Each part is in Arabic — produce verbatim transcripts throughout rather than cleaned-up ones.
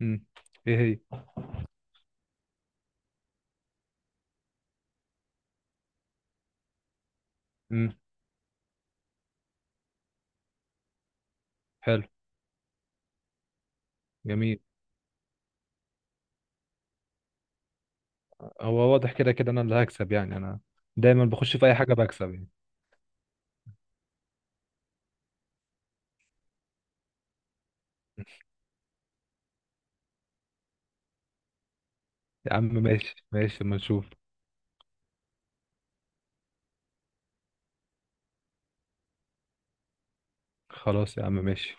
امم. ايه هي؟ امم. حلو. جميل. هو واضح كده كده انا اللي هكسب، يعني انا دايما بخش في اي حاجه بكسب يعني. يا عم ماشي ماشي اما نشوف. خلاص يا عم ماشي.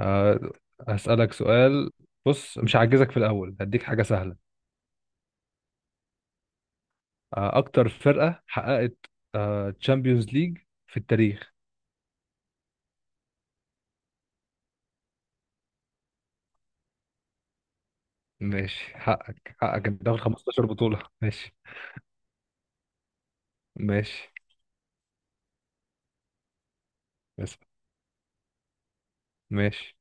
أه هسألك سؤال. بص مش هعجزك في الاول، هديك حاجه سهله. أه اكتر فرقه حققت أه تشامبيونز ليج في التاريخ. ماشي حقك حقك انت داخل خمستاشر بطوله. ماشي ماشي بس ماشي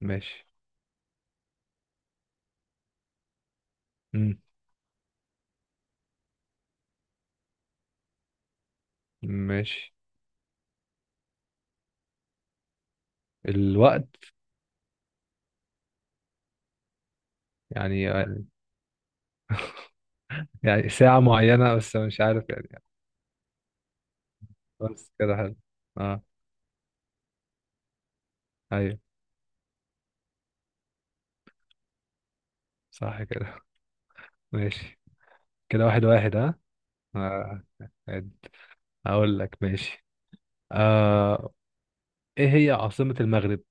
ماشي. امم. ماشي. الوقت. يعني يعني ساعة معينة بس مش عارف يعني. بس كده حلو. اه. ايوه. صح كده. ماشي. كده واحد واحد، ها. آه. عادي. هقول لك ماشي. آه. ايه هي عاصمة المغرب؟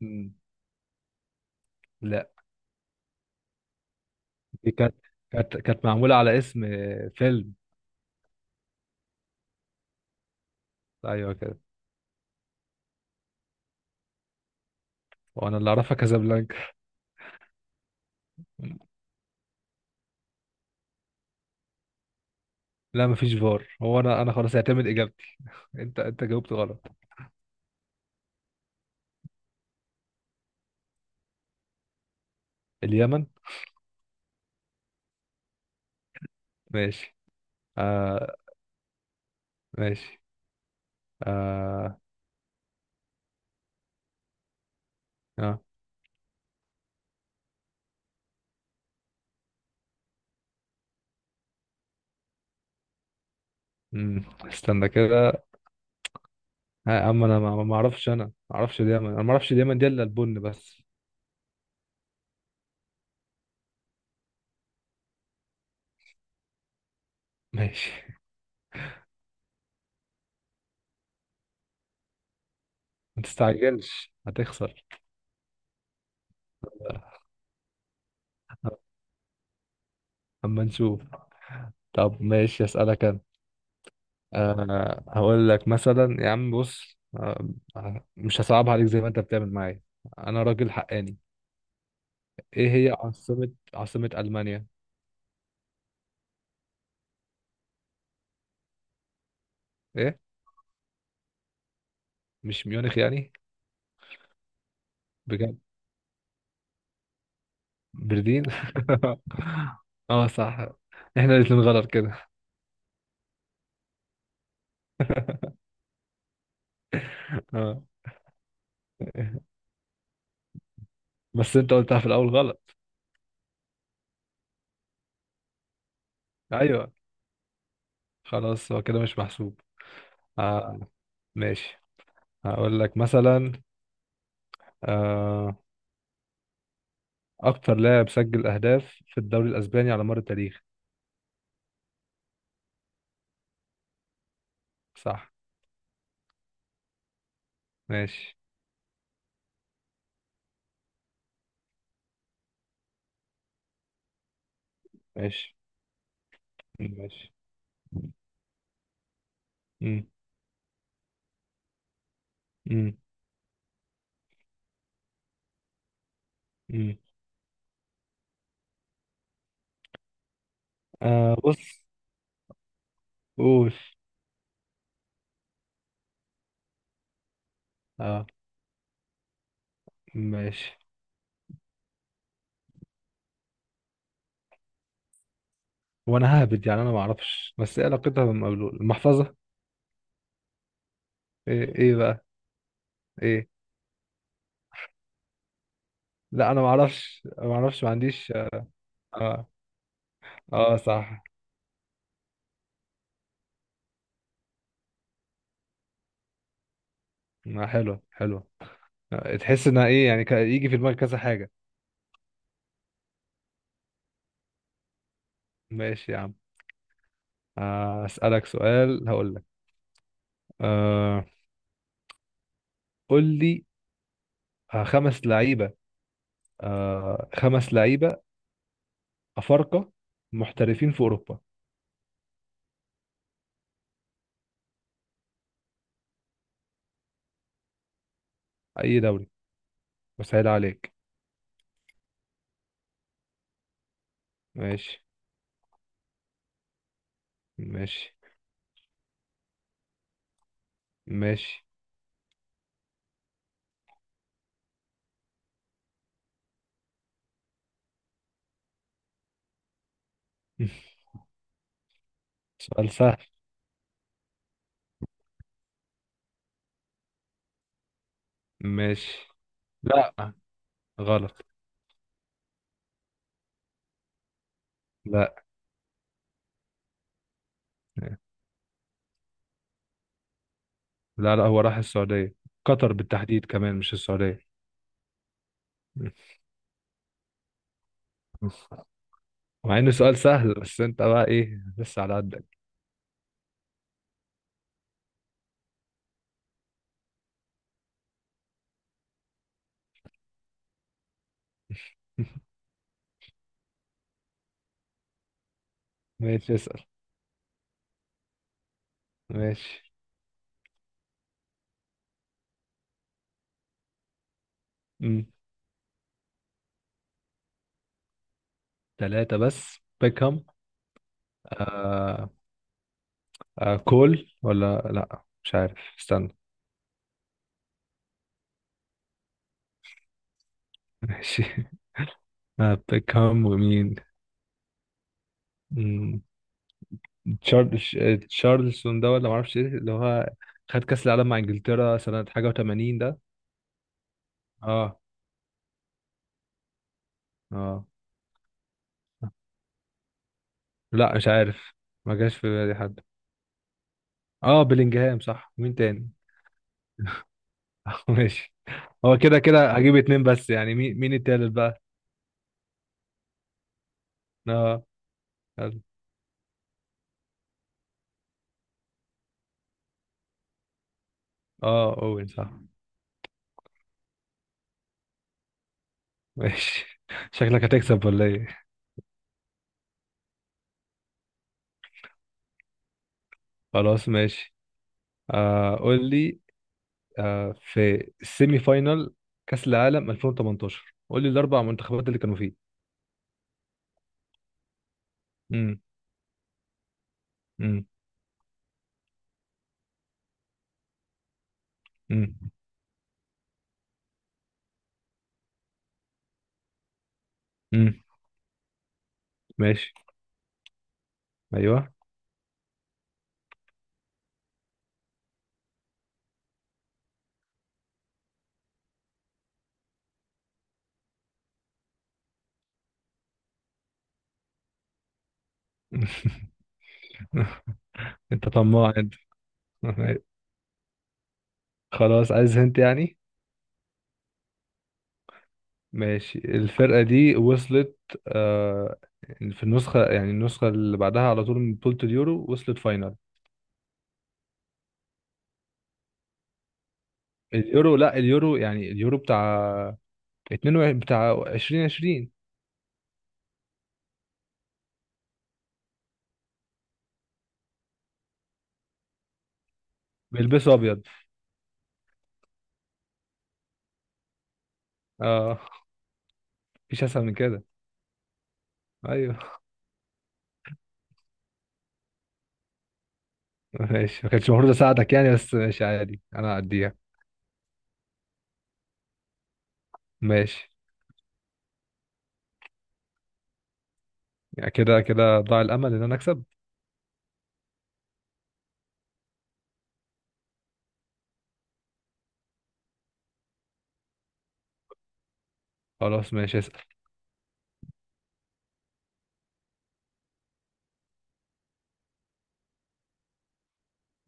مم. لا. دي كانت. كانت كانت معمولة على اسم فيلم. ايوه كده. وانا اللي اعرفها كازابلانكا. لا مفيش فار، هو انا انا خلاص اعتمد اجابتي. انت انت جاوبت غلط. اليمن. ماشي. آه. ماشي. آه. آه. مم. استنى كده. ها، اما انا ما ما اعرفش، انا ما اعرفش دايما، انا ما اعرفش دايما دي الا البن بس. ماشي. ما تستعجلش هتخسر. اما نشوف. طب ماشي اسالك انا. أه هقول لك مثلا يا عم، بص آه، مش هصعبها عليك زي ما انت بتعمل معايا. انا راجل حقاني. ايه هي عاصمة عاصمة المانيا؟ ايه؟ مش ميونخ يعني؟ بجد. برلين. اه صح. احنا الاتنين غلط كده. اه. بس انت قلتها في الاول غلط. ايوه خلاص هو كده مش محسوب. آه. ماشي. هقول لك مثلا. آه. أكتر لاعب سجل أهداف في الدوري الأسباني على مر التاريخ. صح. ماشي. ماشي. ماشي. مم. مم. مم. آه بص. قول. آه. ماشي. وأنا ههبد، يعني أنا ما أعرفش، بس إيه علاقتها بالمقلوب المحفظة. إيه؟ إيه بقى؟ إيه؟ لا أنا ما أعرفش، ما أعرفش، ما عنديش. آه. آه صح. ما حلو حلو. آه، تحس إنها إيه، يعني ك- يجي في دماغك كذا حاجة. ماشي يا عم. آه، أسألك سؤال هقول لك. آه، قول لي. آه، خمس لعيبة. آه، خمس لعيبة أفارقة محترفين في أوروبا. أي دوري. وسهل عليك. ماشي. ماشي. ماشي. سؤال سهل. ماشي. لا غلط. لا لا لا، هو راح السعودية، قطر بالتحديد كمان، مش السعودية. مع إنه سؤال سهل بس أنت بقى إيه لسه على قدك. ماشي اسأل. ماشي. مم. تلاتة بس بيكهام. آه، آه كول ولا لا مش عارف، استنى. ماشي. آه بيكهام، ومين؟ مم، تشارلز آه، تشارلسون ده، ولا معرفش ايه اللي هو، خد كأس العالم مع انجلترا سنة حاجة و80 ده. اه. اه. لا مش عارف. ما جاش في بالي حد. اه بلينجهام صح. مين تاني؟ ماشي. هو كده كده هجيب اتنين بس، يعني مين مين التالت بقى. اه. يلا. اه اوين صح. ماشي. شكلك هتكسب ولا ايه؟ خلاص ماشي. آه قول لي. آه، في السيمي فاينال كأس العالم ألفين وتمنتاشر، قول لي الأربع منتخبات اللي كانوا فيه. امم. امم. امم. امم. ماشي. أيوه. أنت طماع أنت. خلاص عايز هنت يعني. ماشي الفرقة دي وصلت آه، في النسخة، يعني النسخة اللي بعدها على طول، من بطولة اليورو، وصلت فاينال. اليورو لا، اليورو يعني اليورو بتاع اتنين وعشرين بتاع ألفين وعشرين. بيلبسوا أبيض. اه مفيش أسهل من كده. أيوه. ماشي ما كانش المفروض اساعدك يعني، بس ماشي عادي انا هعديها. ماشي. يعني كده كده ضاع الامل ان انا اكسب. خلاص ماشي اسال.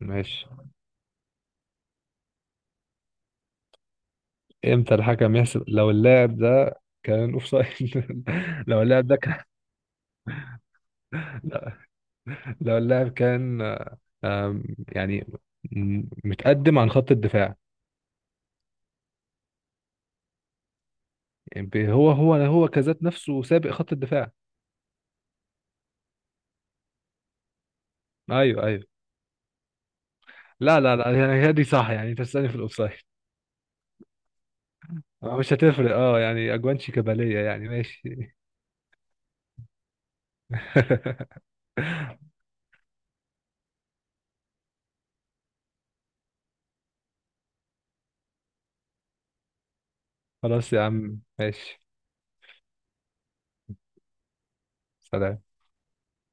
ماشي. امتى الحكم يحسب لو اللاعب ده كان اوف سايد؟ لو اللاعب ده كان. لو اللاعب كان آم، يعني م- متقدم عن خط الدفاع. يعني بي- هو هو هو كذات نفسه سابق خط الدفاع. ايوه ايوه. لا لا لا، يعني هي دي صح، يعني انت بتسالني في الاوفسايد. آه، مش هتفرق، اه يعني اجوان شيكاباليه يعني ماشي. خلاص يا عم ماشي. سلام.